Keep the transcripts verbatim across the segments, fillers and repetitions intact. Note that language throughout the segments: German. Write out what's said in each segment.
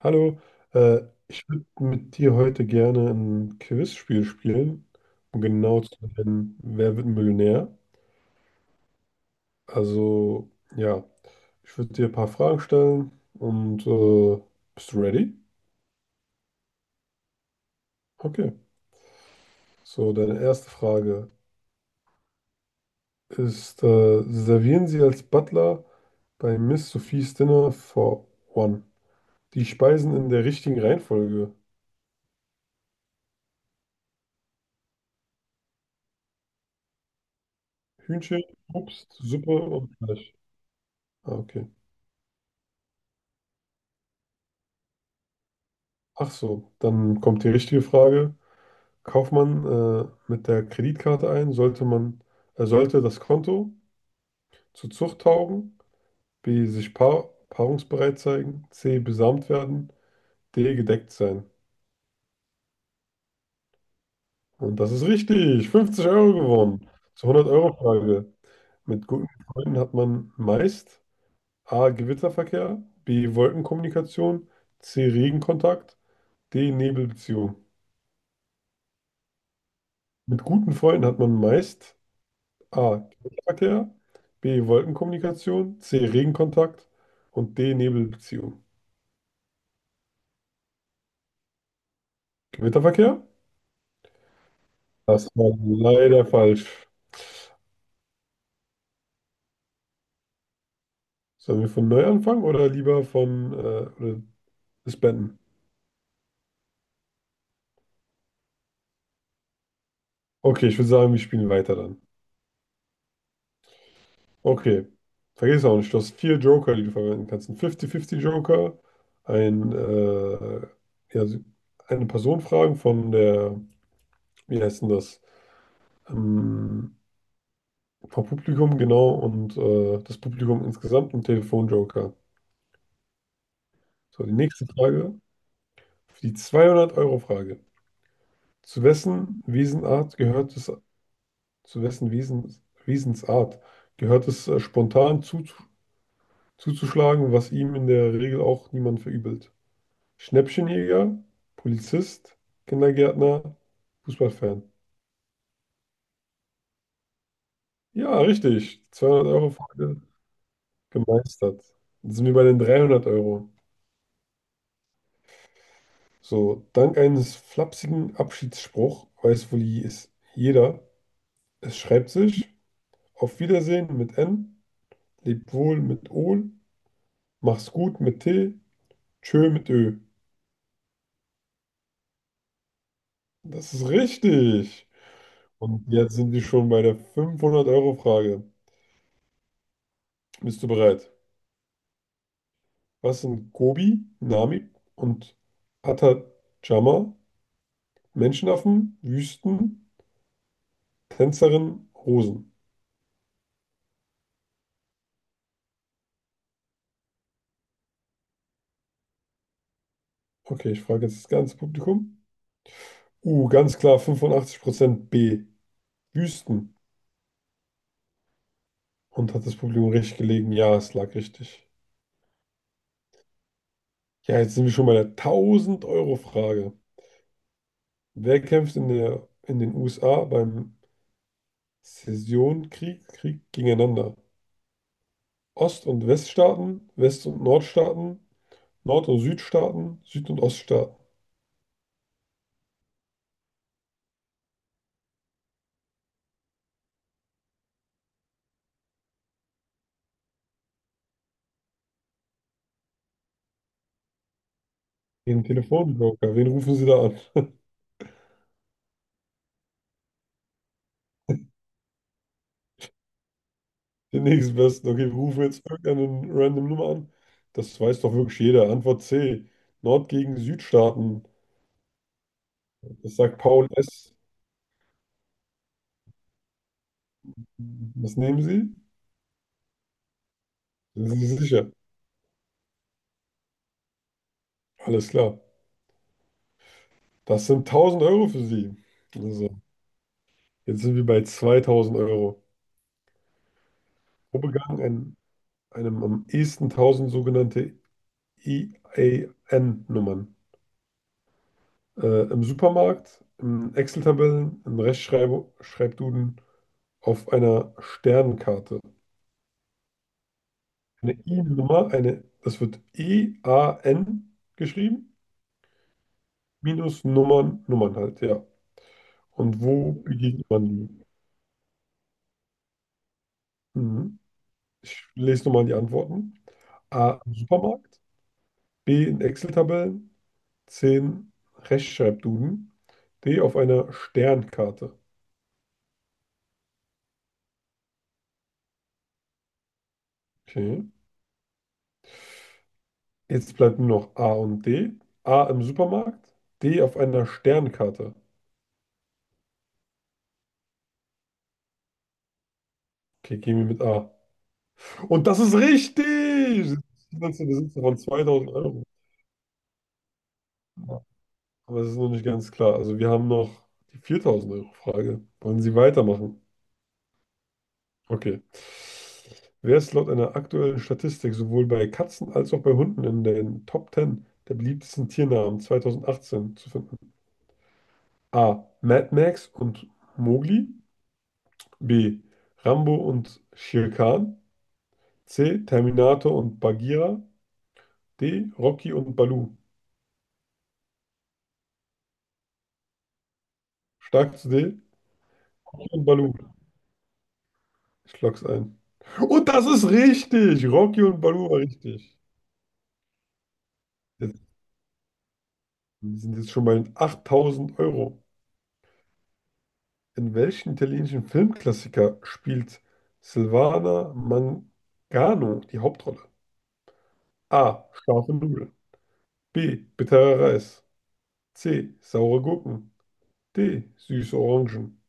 Hallo, äh, ich würde mit dir heute gerne ein Quizspiel spielen, um genau zu nennen, wer wird Millionär? Also, ja, ich würde dir ein paar Fragen stellen und äh, bist du ready? Okay, so deine erste Frage ist, äh, servieren Sie als Butler bei Miss Sophies Dinner for One die Speisen in der richtigen Reihenfolge? Hühnchen, Obst, Suppe und Fleisch. Ah, okay. Ach so, dann kommt die richtige Frage. Kauft man äh, mit der Kreditkarte ein, sollte man, äh, sollte das Konto zu Zucht taugen, B, sich paar, paarungsbereit zeigen, C, besamt werden, D, gedeckt sein. Und das ist richtig. Fünfzig Euro gewonnen. Zur hundert euro frage. Mit guten Freunden hat man meist A, Gewitterverkehr, B, Wolkenkommunikation, C, Regenkontakt, D, Nebelbeziehung. Mit guten Freunden hat man meist A. Verkehr, B. Wolkenkommunikation, C. Regenkontakt und D. Nebelbeziehung. Gewitterverkehr? Das war leider falsch. Sollen wir von neu anfangen oder lieber von äh, oder disbanden? Okay, ich würde sagen, wir spielen weiter dann. Okay, vergiss auch nicht, du hast vier Joker, die du verwenden kannst. Ein fünfzig fünfzig-Joker, ein, äh, ja, so, eine Person fragen von der, wie heißt denn das? Ähm, Vom Publikum, genau, und äh, das Publikum insgesamt ein Telefonjoker. So, die nächste Frage, die zweihundert-Euro-Frage. Zu wessen Wesenart gehört es, zu wessen Wesens, Wesensart gehört es, äh, spontan zu, zuzuschlagen, was ihm in der Regel auch niemand verübelt? Schnäppchenjäger, Polizist, Kindergärtner, Fußballfan. Ja, richtig. zweihundert-Euro-Frage gemeistert. Jetzt sind wir bei den dreihundert Euro. So, dank eines flapsigen Abschiedsspruch weiß wohl es jeder. Es schreibt sich Auf Wiedersehen mit N, lebt wohl mit O, mach's gut mit T, tschö mit Ö. Das ist richtig. Und jetzt sind wir schon bei der fünfhundert-Euro-Frage. Bist du bereit? Was sind Gobi, Namib und Atacama? Menschenaffen, Wüsten, Tänzerinnen, Rosen. Okay, ich frage jetzt das ganze Publikum. Uh, ganz klar fünfundachtzig Prozent B. Wüsten. Und hat das Publikum recht gelegen? Ja, es lag richtig. Ja, jetzt sind wir schon bei der tausend euro frage. Wer kämpft in der, in den U S A beim Sessionkrieg, Krieg gegeneinander? Ost- und Weststaaten, West- und Nordstaaten, Nord- und Südstaaten, Süd- und Oststaaten. Den Telefonjoker, wen rufen Sie da an? Den nächsten besten. Okay, wir rufen jetzt irgendeine random Nummer an. Das weiß doch wirklich jeder. Antwort C. Nord gegen Südstaaten. Das sagt Paul S. Was nehmen Sie? Sind Sie sicher? Alles klar. Das sind tausend Euro für Sie. Also, jetzt sind wir bei zweitausend Euro. Wo begann ein, einem am ehesten tausend sogenannte I A N-Nummern? Äh, Im Supermarkt, in Excel-Tabellen, in Rechtschreibduden, auf einer Sternkarte. Eine I-Nummer, eine, das wird E A N geschrieben, minus Nummern, Nummern halt, ja. Und wo begegnet man die? Mhm. Ich lese nochmal die Antworten. A, im Supermarkt, B, in Excel-Tabellen, C, in Rechtschreibduden, D, auf einer Sternkarte. Okay. Jetzt bleibt nur noch A und D. A im Supermarkt, D auf einer Sternkarte. Okay, gehen wir mit A. Und das ist richtig! Das ist der Besitzer von zweitausend Euro. Aber es ist noch nicht ganz klar. Also wir haben noch die viertausend euro frage. Wollen Sie weitermachen? Okay. Wer ist laut einer aktuellen Statistik sowohl bei Katzen als auch bei Hunden in den Top zehn der beliebtesten Tiernamen zwanzig achtzehn zu finden? A. Mad Max und Mowgli. B. Rambo und Shere Khan. C. Terminator und Bagheera. D. Rocky und Baloo. Stark zu D. Rocky und Baloo. Ich lock's ein. Und das ist richtig. Rocky und Baloo war richtig. Jetzt sind jetzt schon mal achttausend Euro. In welchem italienischen Filmklassiker spielt Silvana Mangano die Hauptrolle? A. Scharfe Nudeln. B. Bitterer Reis. C. Saure Gurken. D. Süße Orangen.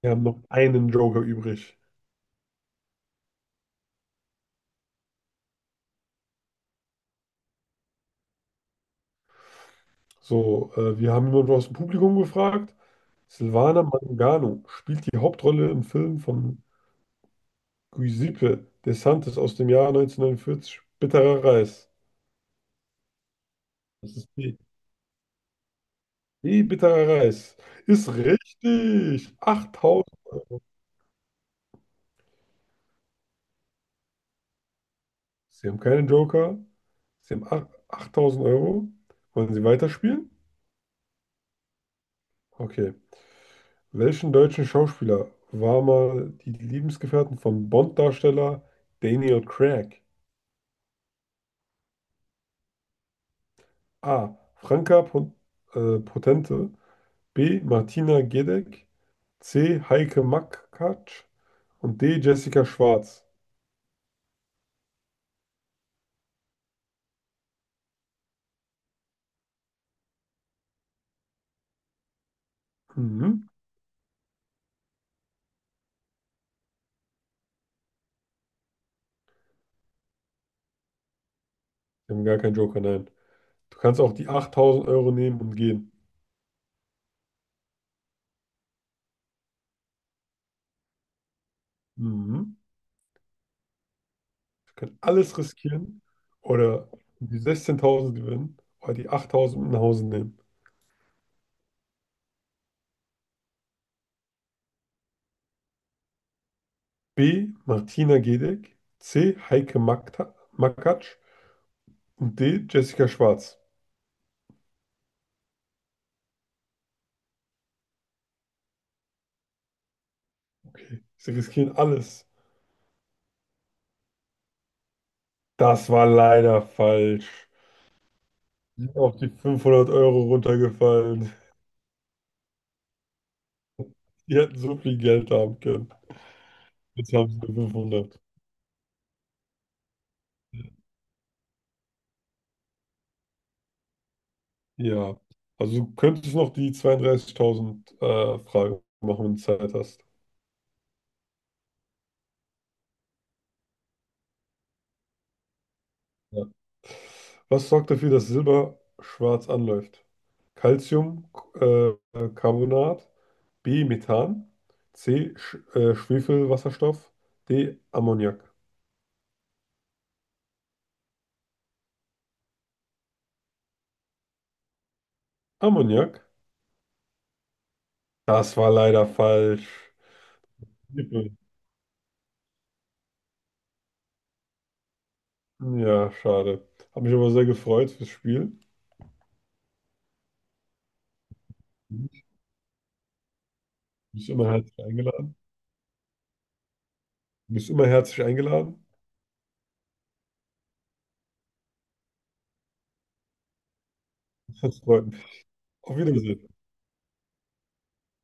Wir haben noch einen Joker übrig. So, äh, wir haben jemanden aus dem Publikum gefragt. Silvana Mangano spielt die Hauptrolle im Film von Giuseppe De Santis aus dem Jahr neunzehnhundertneunundvierzig. Bitterer Reis. Das ist B. Wie bitterer Reis. Ist richtig. Achttausend. Sie haben keinen Joker. Sie haben ach- achttausend Euro. Wollen Sie weiterspielen? Okay. Welchen deutschen Schauspieler war mal die Lebensgefährtin von Bond-Darsteller Daniel Craig? A. Franka Pon- äh, Potente. B. Martina Gedeck. C. Heike Makatsch. Und D. Jessica Schwarz. Mhm. Sie haben gar keinen Joker, nein. Du kannst auch die achttausend Euro nehmen und gehen. Mhm. Wir können alles riskieren oder die sechzehntausend gewinnen oder die achttausend mit nach Hause nehmen. B. Martina Gedeck, C. Heike Makta- Makatsch und D. Jessica Schwarz. Okay, sie riskieren alles. Das war leider falsch. Sie sind auf die fünfhundert Euro runtergefallen. Die hätten so viel Geld haben können. Jetzt haben sie nur fünfhundert. Ja, also du könntest noch die zweiunddreißigtausend äh, Frage machen, wenn du Zeit hast. Ja. Was sorgt dafür, dass Silber schwarz anläuft? Calcium, äh, Carbonat, B, Methan, C, Sch äh, Schwefelwasserstoff, D, Ammoniak. Ammoniak? Das war leider falsch. Schwefel. Ja, schade. Hab mich aber sehr gefreut fürs Spiel. Du bist immer herzlich eingeladen. Du bist immer herzlich eingeladen. Das freut mich. Auf Wiedersehen.